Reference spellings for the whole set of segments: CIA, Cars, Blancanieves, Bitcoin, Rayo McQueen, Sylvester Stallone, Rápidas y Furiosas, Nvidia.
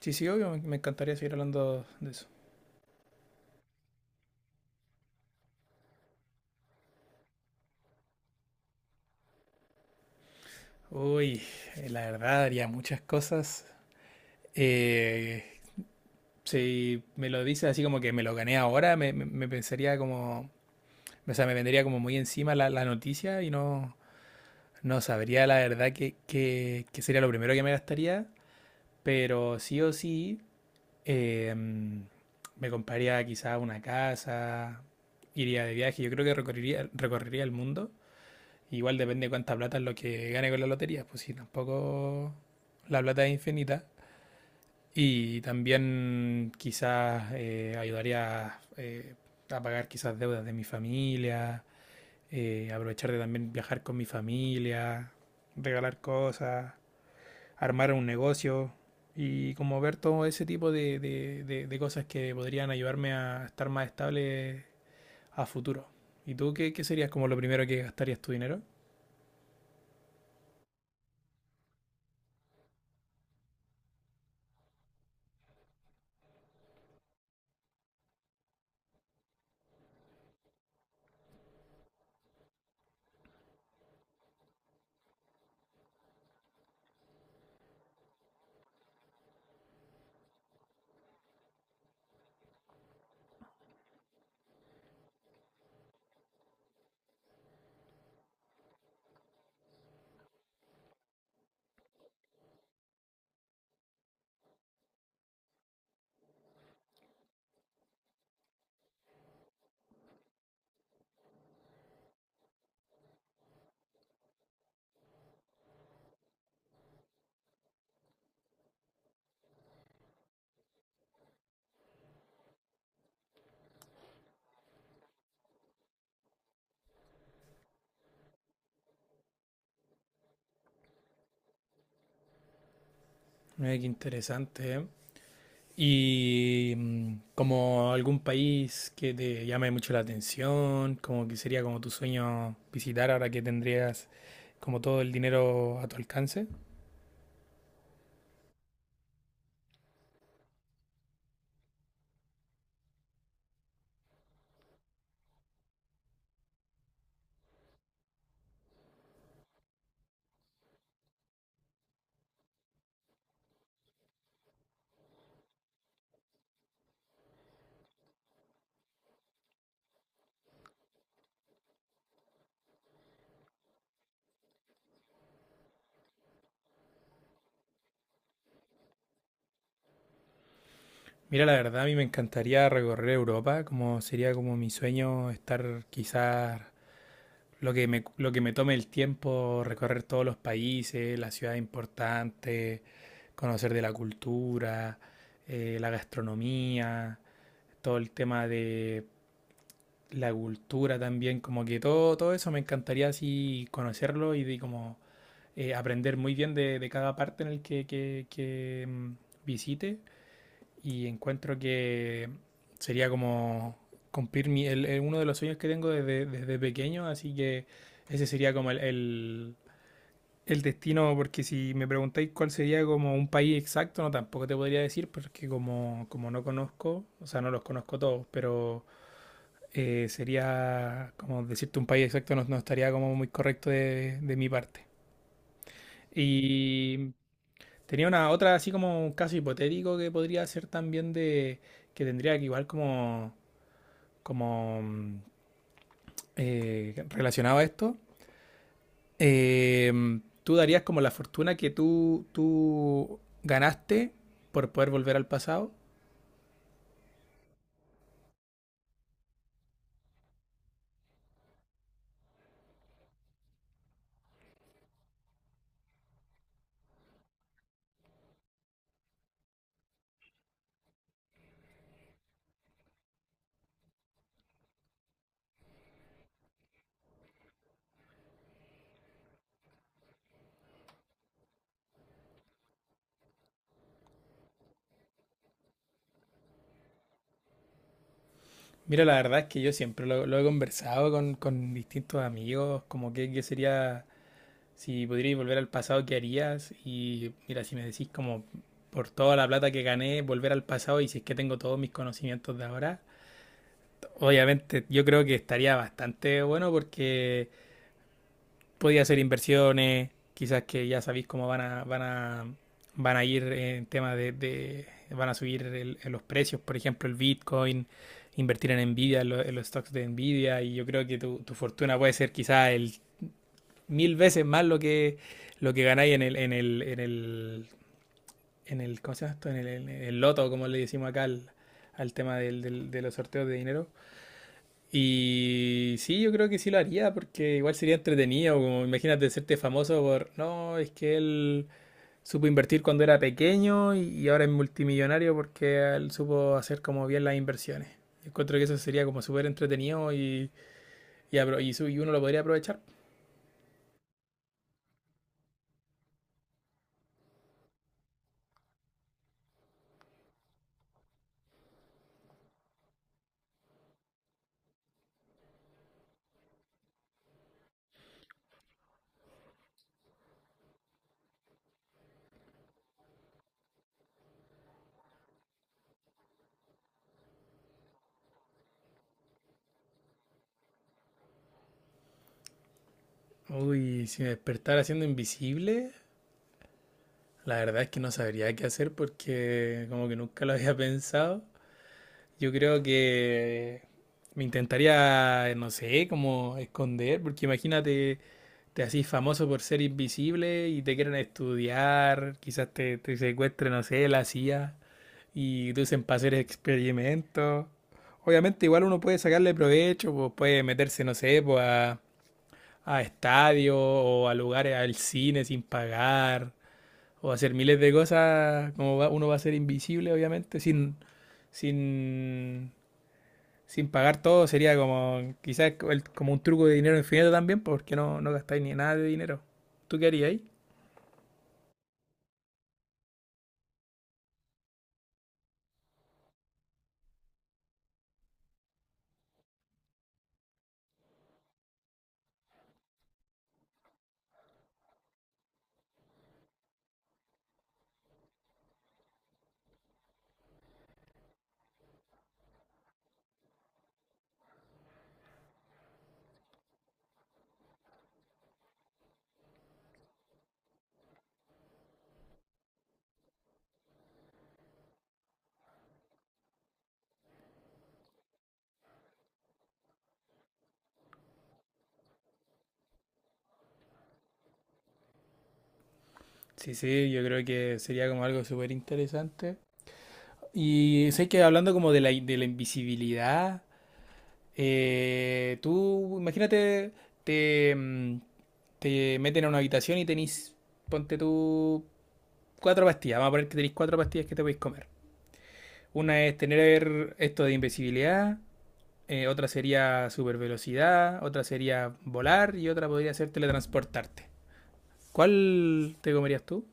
Sí, sí, obvio, me encantaría seguir hablando de eso. Uy, la verdad haría muchas cosas. Eh, si me lo dices así como que me lo gané ahora, me pensaría como, o sea, me vendría como muy encima la noticia y no, no sabría la verdad que sería lo primero que me gastaría, pero sí o sí me compraría quizá una casa, iría de viaje, yo creo que recorrería el mundo. Igual depende de cuánta plata es lo que gane con la lotería, pues si tampoco la plata es infinita. Y también quizás ayudaría a pagar quizás deudas de mi familia, aprovechar de también viajar con mi familia, regalar cosas, armar un negocio y como ver todo ese tipo de cosas que podrían ayudarme a estar más estable a futuro. ¿Y tú qué, qué serías como lo primero que gastarías tu dinero? Mira, qué interesante, ¿eh? Y como algún país que te llame mucho la atención, como que sería como tu sueño visitar ahora que tendrías como todo el dinero a tu alcance. Mira, la verdad a mí me encantaría recorrer Europa, como sería como mi sueño estar quizás lo que me tome el tiempo, recorrer todos los países, las ciudades importantes, conocer de la cultura, la gastronomía, todo el tema de la cultura también, como que todo eso me encantaría así conocerlo y de como aprender muy bien de cada parte en el que, visite y encuentro que sería como cumplir uno de los sueños que tengo desde pequeño, así que ese sería como el destino, porque si me preguntáis cuál sería como un país exacto, no, tampoco te podría decir, porque como no conozco, o sea, no los conozco todos, pero sería, como decirte un país exacto, no, no estaría como muy correcto de mi parte. Y tenía una otra, así como un caso hipotético que podría ser también de que tendría que igual como, como relacionado a esto. eh, Tú darías como la fortuna que tú ganaste por poder volver al pasado. Mira, la verdad es que yo siempre lo he conversado con distintos amigos, como que sería si pudierais volver al pasado, ¿qué harías? Y mira, si me decís como por toda la plata que gané, volver al pasado y si es que tengo todos mis conocimientos de ahora, obviamente yo creo que estaría bastante bueno porque podía hacer inversiones, quizás que ya sabéis cómo van a ir en temas van a subir el- los precios, por ejemplo, el Bitcoin, invertir en Nvidia, en, lo- en los stocks de Nvidia, y yo creo que tu fortuna puede ser quizás el mil veces más lo que ganáis en ¿cómo se llama esto? En en el loto, como le decimos acá al, al tema de los sorteos de dinero. Y sí, yo creo que sí lo haría, porque igual sería entretenido, como imagínate serte famoso por, no, es que él supo invertir cuando era pequeño y ahora es multimillonario porque él supo hacer como bien las inversiones. Encuentro que eso sería como súper entretenido y, y uno lo podría aprovechar. Uy, si me despertara siendo invisible, la verdad es que no sabría qué hacer porque como que nunca lo había pensado. Yo creo que me intentaría, no sé, como esconder, porque imagínate, te haces famoso por ser invisible y te quieren estudiar, quizás te secuestre, no sé, la CIA y te usen para hacer experimentos. Obviamente igual uno puede sacarle provecho, pues puede meterse, no sé, pues a estadios o a lugares, al cine sin pagar o hacer miles de cosas, como va- uno va a ser invisible, obviamente, sin, sin pagar todo, sería como quizás el- como un truco de dinero infinito también, porque no, no gastáis ni nada de dinero. ¿Tú qué harías ahí? Sí, sí, yo creo que sería como algo súper interesante. Y sé que hablando como de la, in- de la invisibilidad, tú imagínate, te, te meten a una habitación y tenís, ponte tú, cuatro pastillas, vamos a poner que tenéis cuatro pastillas que te podéis comer. Una es tener esto de invisibilidad, otra sería supervelocidad, otra sería volar y otra podría ser teletransportarte. ¿Cuál te comerías tú?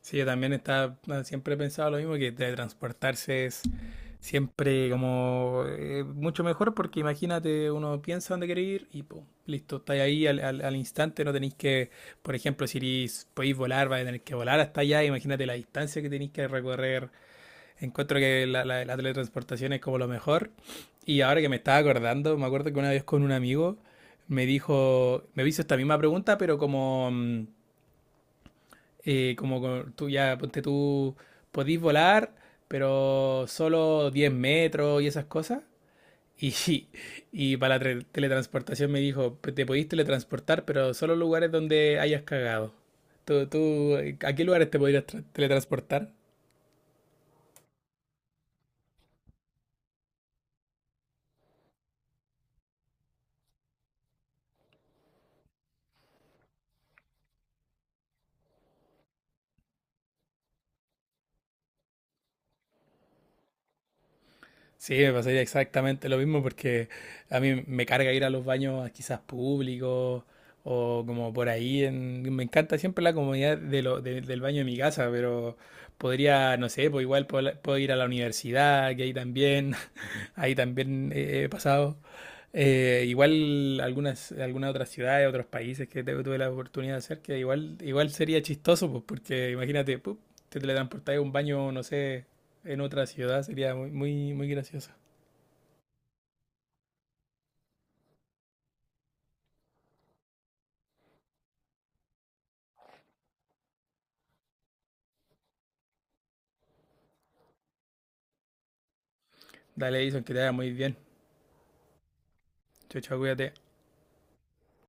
Sí, yo también estaba, siempre he pensado lo mismo, que teletransportarse es siempre como mucho mejor porque imagínate, uno piensa dónde quiere ir y pum, listo, estáis ahí al, al instante, no tenéis que, por ejemplo, si irís- podéis volar, vais a tener que volar hasta allá, imagínate la distancia que tenéis que recorrer. Encuentro que la teletransportación es como lo mejor. Y ahora que me estaba acordando, me acuerdo que una vez con un amigo me dijo, me hizo esta misma pregunta, pero como, como con- tú ya, ponte tú, podís volar, pero solo 10 metros y esas cosas. Y y para la tre- teletransportación me dijo: "Pues te podís teletransportar, pero solo lugares donde hayas cagado". ¿Tú, tú, a qué lugares te podrías tra- teletransportar? Sí, me pasaría exactamente lo mismo porque a mí me carga ir a los baños quizás públicos o como por ahí. En- me encanta siempre la comodidad de lo- de- del baño de mi casa, pero podría, no sé, pues igual puedo, puedo ir a la universidad, que ahí también, ahí también he pasado. Igual algunas otras ciudades, otros países que te- tuve la oportunidad de hacer, que igual, igual sería chistoso, pues porque imagínate, pup, te teletransportas a un baño, no sé, en otra ciudad, sería muy gracioso. Dale, Edison, que te vaya muy bien. Chao, chao, cuídate.